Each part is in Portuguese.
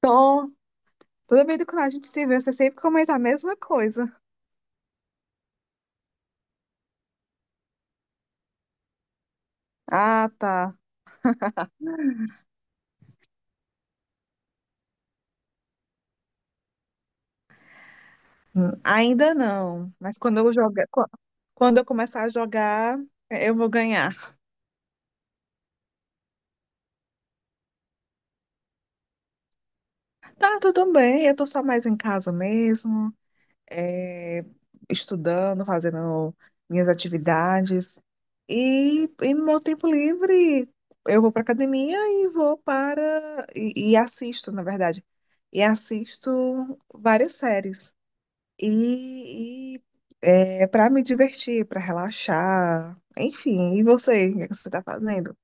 Tô. Toda vida que a gente se vê, você sempre comenta a mesma coisa. Ah, tá. Ainda não. Mas quando eu jogar, quando eu começar a jogar, eu vou ganhar. Tá, tudo bem. Eu tô só mais em casa mesmo, eh, estudando, fazendo minhas atividades. E no meu tempo livre, eu vou pra academia e vou para. e assisto, na verdade. E assisto várias séries. E, e para me divertir, para relaxar, enfim. E você, o que é que você está fazendo?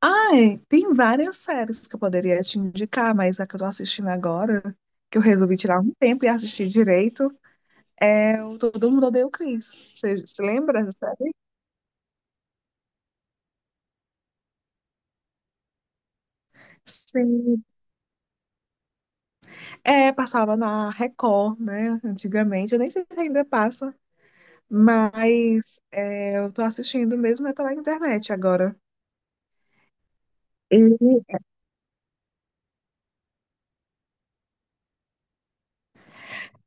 Ai, tem várias séries que eu poderia te indicar, mas a que eu tô assistindo agora, que eu resolvi tirar um tempo e assistir direito, é o Todo Mundo Odeia o Chris. Você se lembra dessa série? Sim. É, passava na Record, né? Antigamente, eu nem sei se ainda passa, mas é, eu tô assistindo mesmo é pela internet agora. E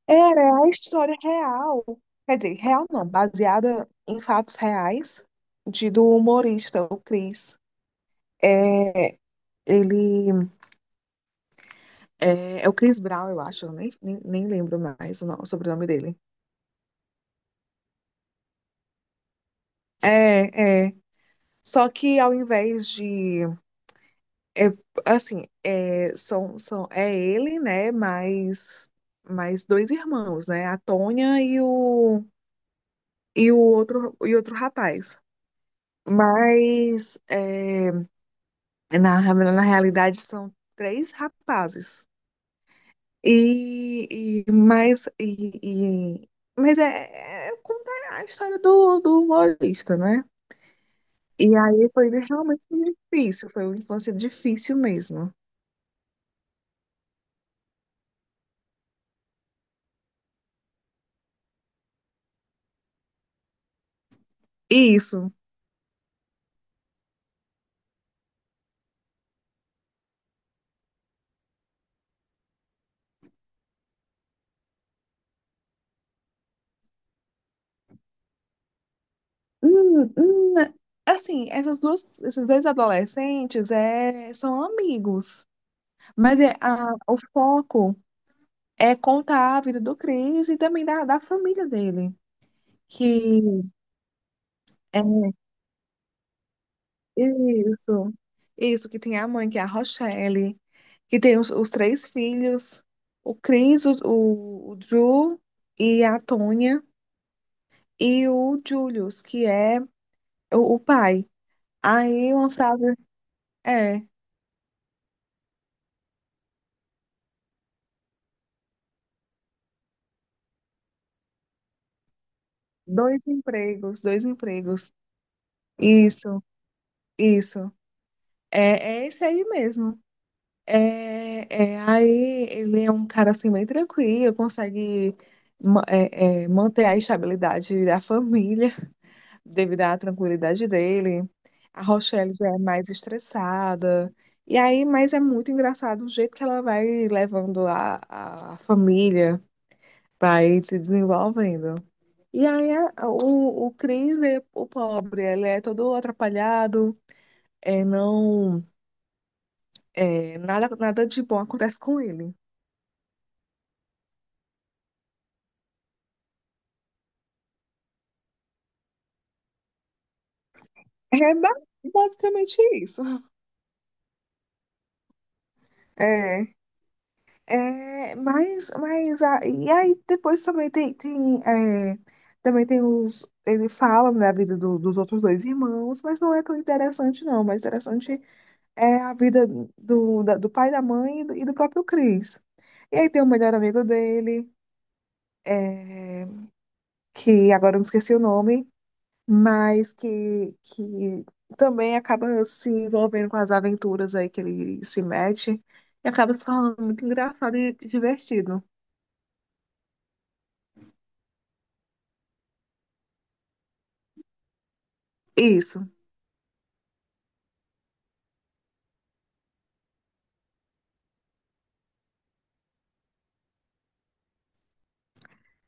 era a história real, quer dizer, real não, baseada em fatos reais de do humorista, o Chris. É, ele é o Chris Brown, eu acho, eu nem lembro mais o, o sobrenome dele. É, é. Só que ao invés de, é, assim, é, é ele, né, mais, mais dois irmãos, né, a Tônia e o outro, e outro rapaz. Mas é, na, na realidade, são três rapazes. E, e mas, e, e- mas é, é conta a história do humorista, né? E aí foi realmente difícil, foi uma infância difícil mesmo. Isso. Hum, hum, assim, esses dois adolescentes são amigos, mas é, o foco é contar a vida do Chris e também da família dele. Que é isso, isso, que tem a mãe, que é a Rochelle, que tem os três filhos, o Chris, o Drew e a Tônia, e o Julius, que é o pai. Aí uma frase é, dois empregos, dois empregos. Isso, isso. É, é esse aí mesmo. É, é, aí ele é um cara assim bem tranquilo, consegue manter a estabilidade da família, devido à tranquilidade dele. A Rochelle já é mais estressada. E aí, mas é muito engraçado o jeito que ela vai levando a família para ir se desenvolvendo. E aí, o Chris, o pobre, ele é todo atrapalhado, é, não, nada, nada de bom acontece com ele. É basicamente isso. É. É, mas, e aí depois também tem, também tem os ele fala da vida dos outros dois irmãos, mas não é tão interessante não, mas interessante é a vida do pai da mãe e do próprio Chris. E aí tem o melhor amigo dele, é, que agora eu me esqueci o nome, mas que também acaba se envolvendo com as aventuras aí que ele se mete e acaba se falando muito engraçado e divertido. Isso.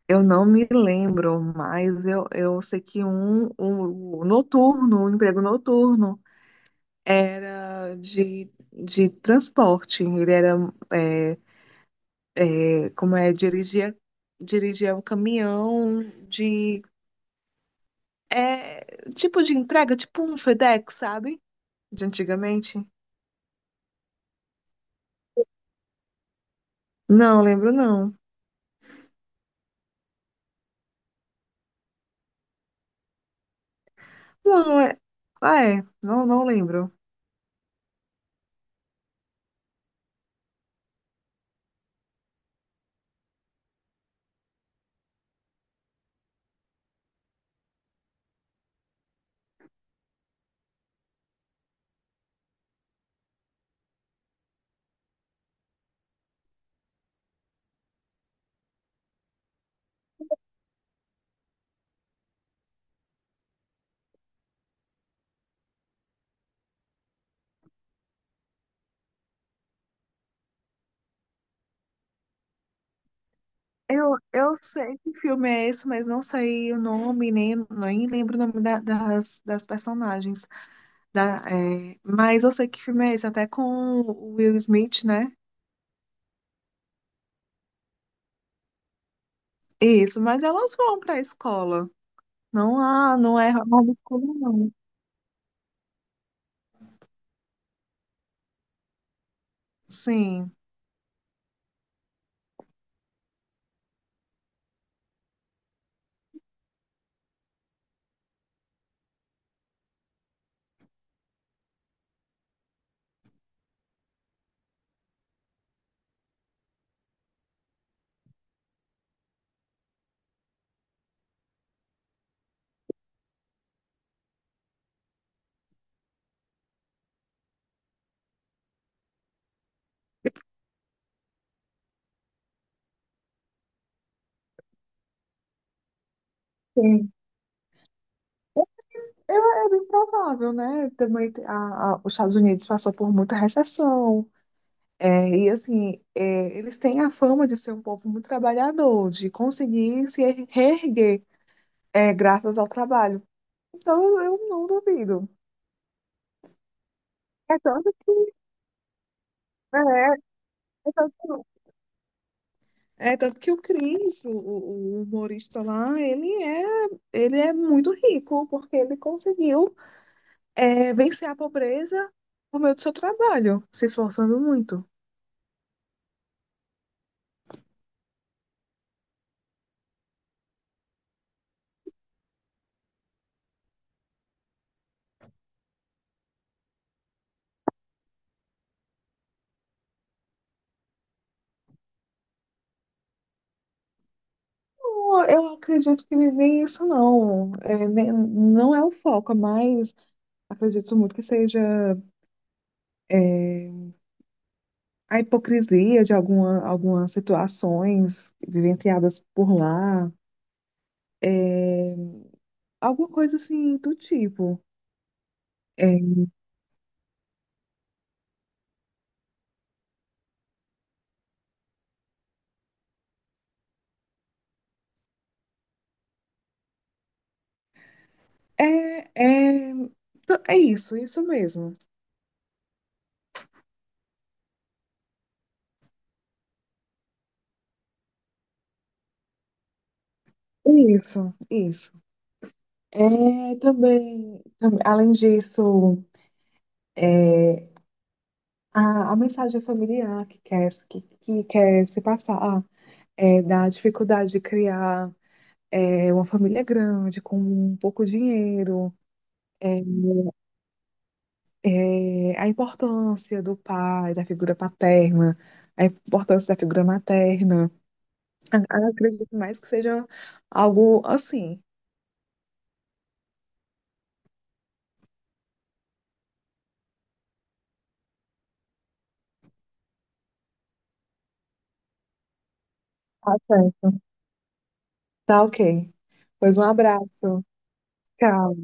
Eu não me lembro, mas eu sei que um noturno, um emprego noturno, era de transporte. Ele era, é, como é, dirigia, dirigia um caminhão de, é, tipo de entrega, tipo um FedEx, sabe? De antigamente. Não lembro, não. Não, é, ah, é, não, não lembro. Eu sei que filme é esse, mas não sei o nome, nem lembro o nome das, das personagens. Mas eu sei que filme é esse, até com o Will Smith, né? Isso, mas elas vão para a escola. Não há, não é escola não. Sim. Sim. Eu, é bem provável, né? Também os Estados Unidos passou por muita recessão. É, e assim, é, eles têm a fama de ser um povo muito trabalhador, de conseguir se er- reerguer. É graças ao trabalho. Então eu não duvido. É tanto que, é, é tanto que, é tanto que o Chris, o humorista lá, ele é muito rico, porque ele conseguiu vencer a pobreza por meio do seu trabalho, se esforçando muito. Eu acredito que nem isso não. É, não é o foco, mas acredito muito que seja é, a hipocrisia de alguma, algumas situações vivenciadas por lá. É, alguma coisa assim do tipo. É, é, é, é isso, isso mesmo. Isso, isso. É, também, além disso, é, a mensagem familiar que quer se passar é, da dificuldade de criar uma família grande, com um pouco dinheiro, é, é, a importância do pai, da figura paterna, a importância da figura materna. Eu acredito mais que seja algo assim. Tá certo. Tá ok. Pois um abraço. Tchau.